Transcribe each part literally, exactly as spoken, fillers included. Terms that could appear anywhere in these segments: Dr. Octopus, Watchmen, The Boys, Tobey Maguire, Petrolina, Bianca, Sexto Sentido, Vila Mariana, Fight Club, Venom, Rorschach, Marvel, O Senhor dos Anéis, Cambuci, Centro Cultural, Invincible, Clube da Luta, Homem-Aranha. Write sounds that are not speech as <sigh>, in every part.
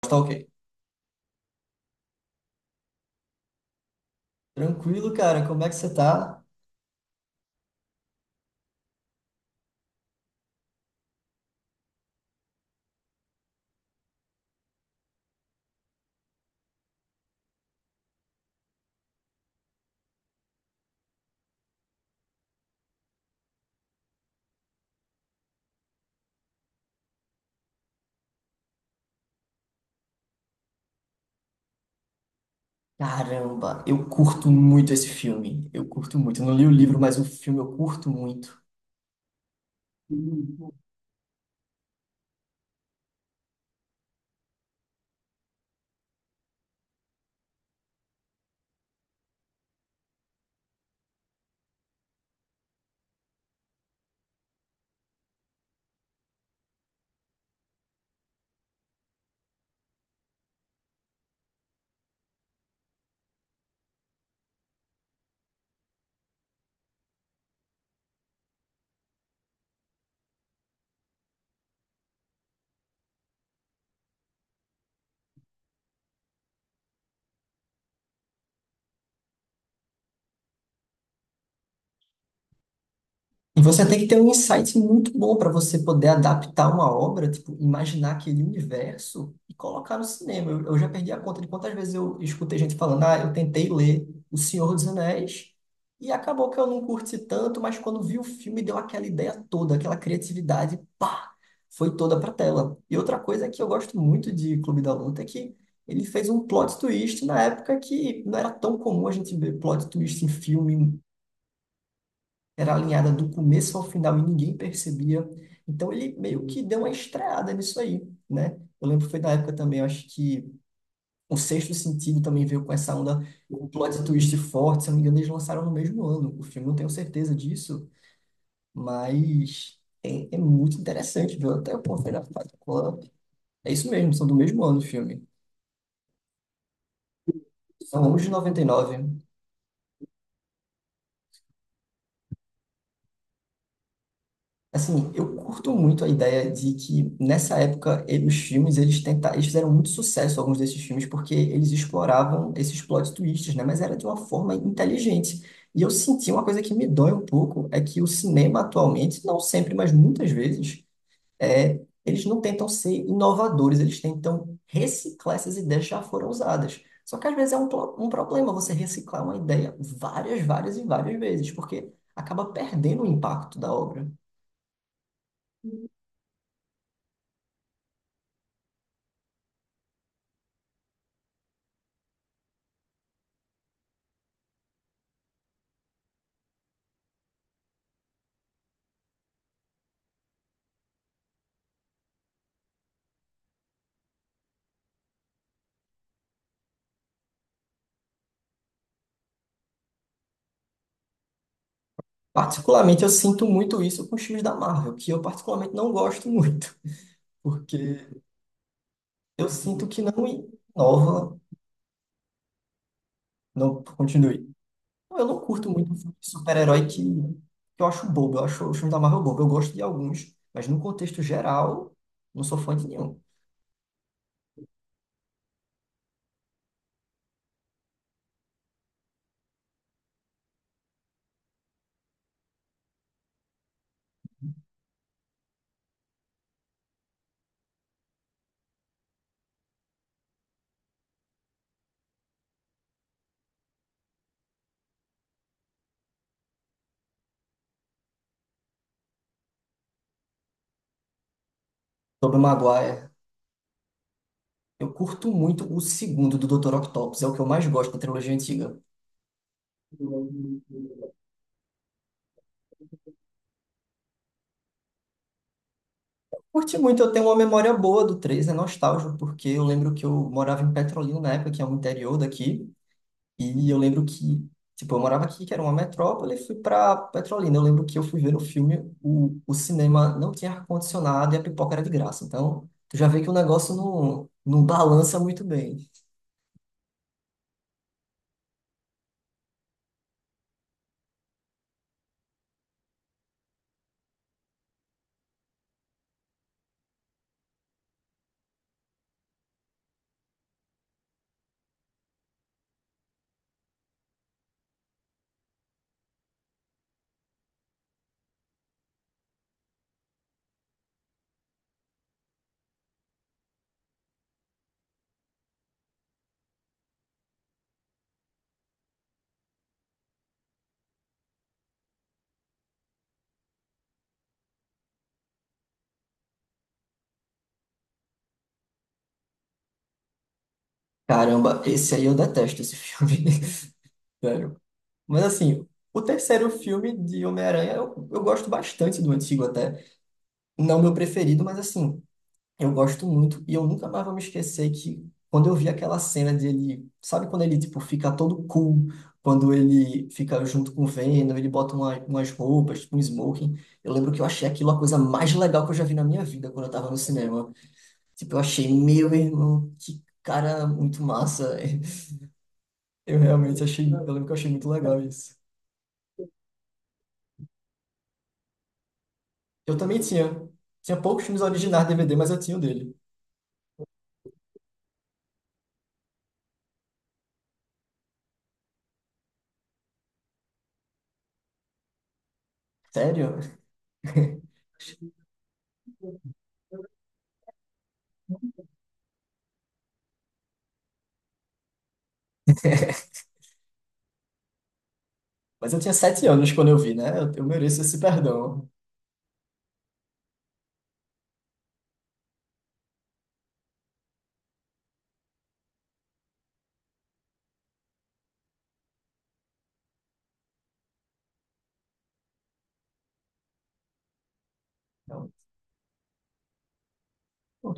Tá, ok. Tranquilo, cara. Como é que você tá? Caramba, eu curto muito esse filme. Eu curto muito. Eu não li o livro, mas o filme eu curto muito. E você tem que ter um insight muito bom para você poder adaptar uma obra, tipo, imaginar aquele universo e colocar no cinema. Eu, eu já perdi a conta de quantas vezes eu escutei gente falando, ah, eu tentei ler O Senhor dos Anéis e acabou que eu não curti tanto, mas quando vi o filme deu aquela ideia toda, aquela criatividade, pá, foi toda pra tela. E outra coisa que eu gosto muito de Clube da Luta é que ele fez um plot twist na época que não era tão comum a gente ver plot twist em filme, era alinhada do começo ao final e ninguém percebia. Então ele meio que deu uma estreada nisso aí, né? Eu lembro que foi na época também, eu acho que o Sexto Sentido também veio com essa onda, um plot twist forte, se eu não me engano, eles lançaram no mesmo ano. O filme, não tenho certeza disso, mas é, é muito interessante, viu? Até eu conferi na Fight Club. É isso mesmo, são do mesmo ano o filme. São ambos de noventa e nove. Assim, eu curto muito a ideia de que nessa época e- os filmes eles tenta, eles fizeram muito sucesso alguns desses filmes porque eles exploravam esses plot twists, né? Mas era de uma forma inteligente. E eu senti uma coisa que me dói um pouco é que o cinema atualmente, não sempre, mas muitas vezes, é, eles não tentam ser inovadores, eles tentam reciclar essas ideias que já foram usadas. Só que às vezes é um, pro- um problema você reciclar uma ideia várias, várias e várias vezes, porque acaba perdendo o impacto da obra. Particularmente, eu sinto muito isso com os filmes da Marvel, que eu particularmente não gosto muito, <laughs> porque eu sinto que não inova, não continue. Então, eu não curto muito filme de super-herói que, que eu acho bobo, eu acho os filmes da Marvel bobo. Eu gosto de alguns, mas no contexto geral, não sou fã de nenhum. Tobey Maguire, eu curto muito o segundo do doutor Octopus, é o que eu mais gosto da trilogia antiga. Curti muito, eu tenho uma memória boa do três, é nostálgico, porque eu lembro que eu morava em Petrolina na época, que é um interior daqui, e eu lembro que, tipo, eu morava aqui, que era uma metrópole, e fui pra Petrolina. Eu lembro que eu fui ver no filme, o, o cinema não tinha ar-condicionado e a pipoca era de graça. Então, tu já vê que o negócio não, não balança muito bem. Caramba, esse aí eu detesto, esse filme. <laughs> Sério. Mas assim, o terceiro filme de Homem-Aranha, eu, eu gosto bastante do antigo até. Não meu preferido, mas assim. Eu gosto muito e eu nunca mais vou me esquecer que quando eu vi aquela cena dele, sabe quando ele tipo fica todo cool, quando ele fica junto com o Venom, ele bota uma- umas roupas, tipo um smoking. Eu lembro que eu achei aquilo a coisa mais legal que eu já vi na minha vida quando eu tava no cinema. Tipo, eu achei, meu irmão, que cara muito massa. <laughs> Eu realmente achei, eu lembro que eu achei muito legal isso. Eu também tinha, tinha poucos filmes originais D V D, mas eu tinha o dele. Sério? <laughs> Mas eu tinha sete anos quando eu vi, né? Eu, eu mereço esse perdão. Então, pô,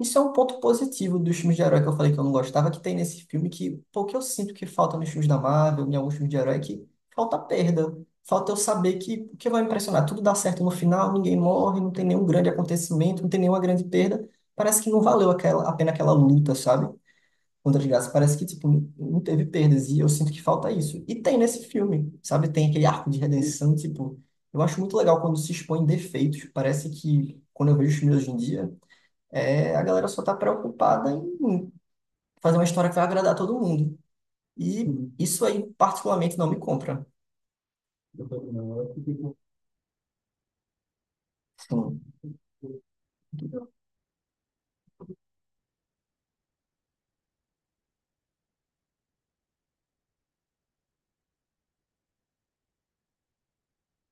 isso é um ponto positivo dos filmes de herói que eu falei que eu não gostava, que tem nesse filme que, pô, que eu sinto que falta nos filmes da Marvel, em alguns filmes de herói, é que falta perda. Falta eu saber que o que vai me impressionar? Tudo dá certo no final, ninguém morre, não tem nenhum grande acontecimento, não tem nenhuma grande perda. Parece que não valeu aquela, a pena aquela luta, sabe? Contra as Graças. Parece que, tipo, não teve perdas. E eu sinto que falta isso. E tem nesse filme, sabe? Tem aquele arco de redenção, tipo... Eu acho muito legal quando se expõe defeitos. Parece que, quando eu vejo os filmes hoje em dia, é, a galera só tá preocupada em fazer uma história que vai agradar todo mundo. E uhum, isso aí, particularmente, não me compra. Eu não, tipo, sim.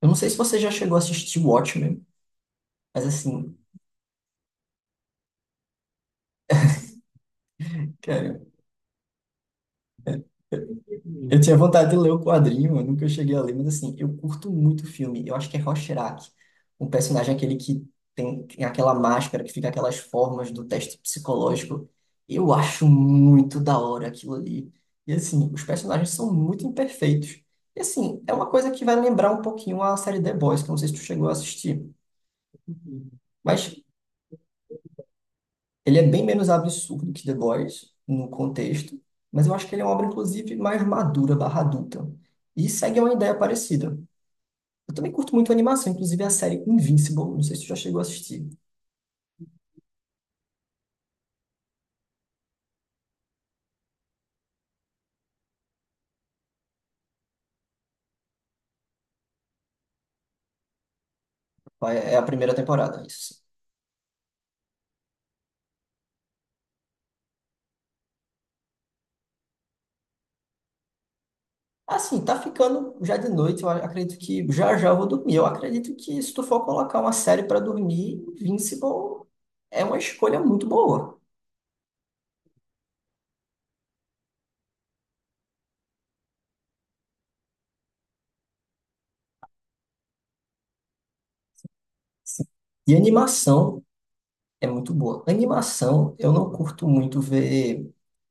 Eu não sei se você já chegou a assistir Watchmen, mas assim, é, eu tinha vontade de ler o quadrinho, eu nunca cheguei a ler, mas assim, eu curto muito o filme. Eu acho que é Rorschach, um personagem é aquele que tem, tem aquela máscara, que fica aquelas formas do teste psicológico. Eu acho muito da hora aquilo ali. E assim, os personagens são muito imperfeitos. E assim, é uma coisa que vai lembrar um pouquinho a série The Boys, que eu não sei se tu chegou a assistir. Mas ele é bem menos absurdo que The Boys no contexto, mas eu acho que ele é uma obra, inclusive, mais madura, barra adulta. E segue uma ideia parecida. Eu também curto muito a animação, inclusive a série Invincible, não sei se tu já chegou a assistir. É a primeira temporada, isso, sim. Assim, tá ficando já de noite, eu acredito que já já eu vou dormir. Eu acredito que se tu for colocar uma série para dormir, Invincible é uma escolha muito boa. E animação. É muito boa. Animação, eu não curto muito ver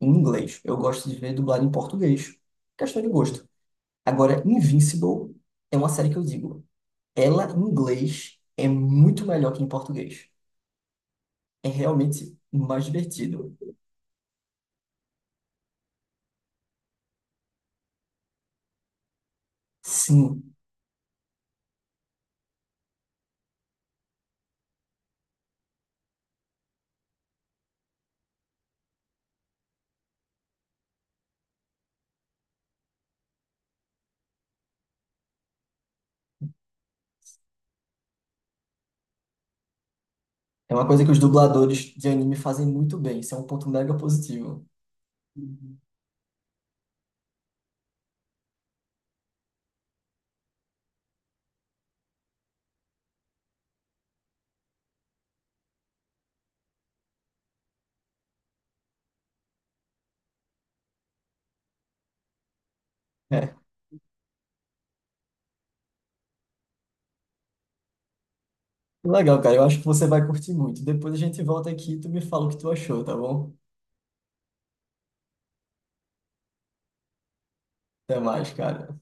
em inglês. Eu gosto de ver dublado em português. Questão de gosto. Agora, Invincible é uma série que eu digo. Ela, em inglês, é muito melhor que em português. É realmente mais divertido. Sim, é uma coisa que os dubladores de anime fazem muito bem. Isso é um ponto mega positivo. É. Legal, cara. Eu acho que você vai curtir muito. Depois a gente volta aqui e tu me fala o que tu achou, tá bom? Até mais, cara.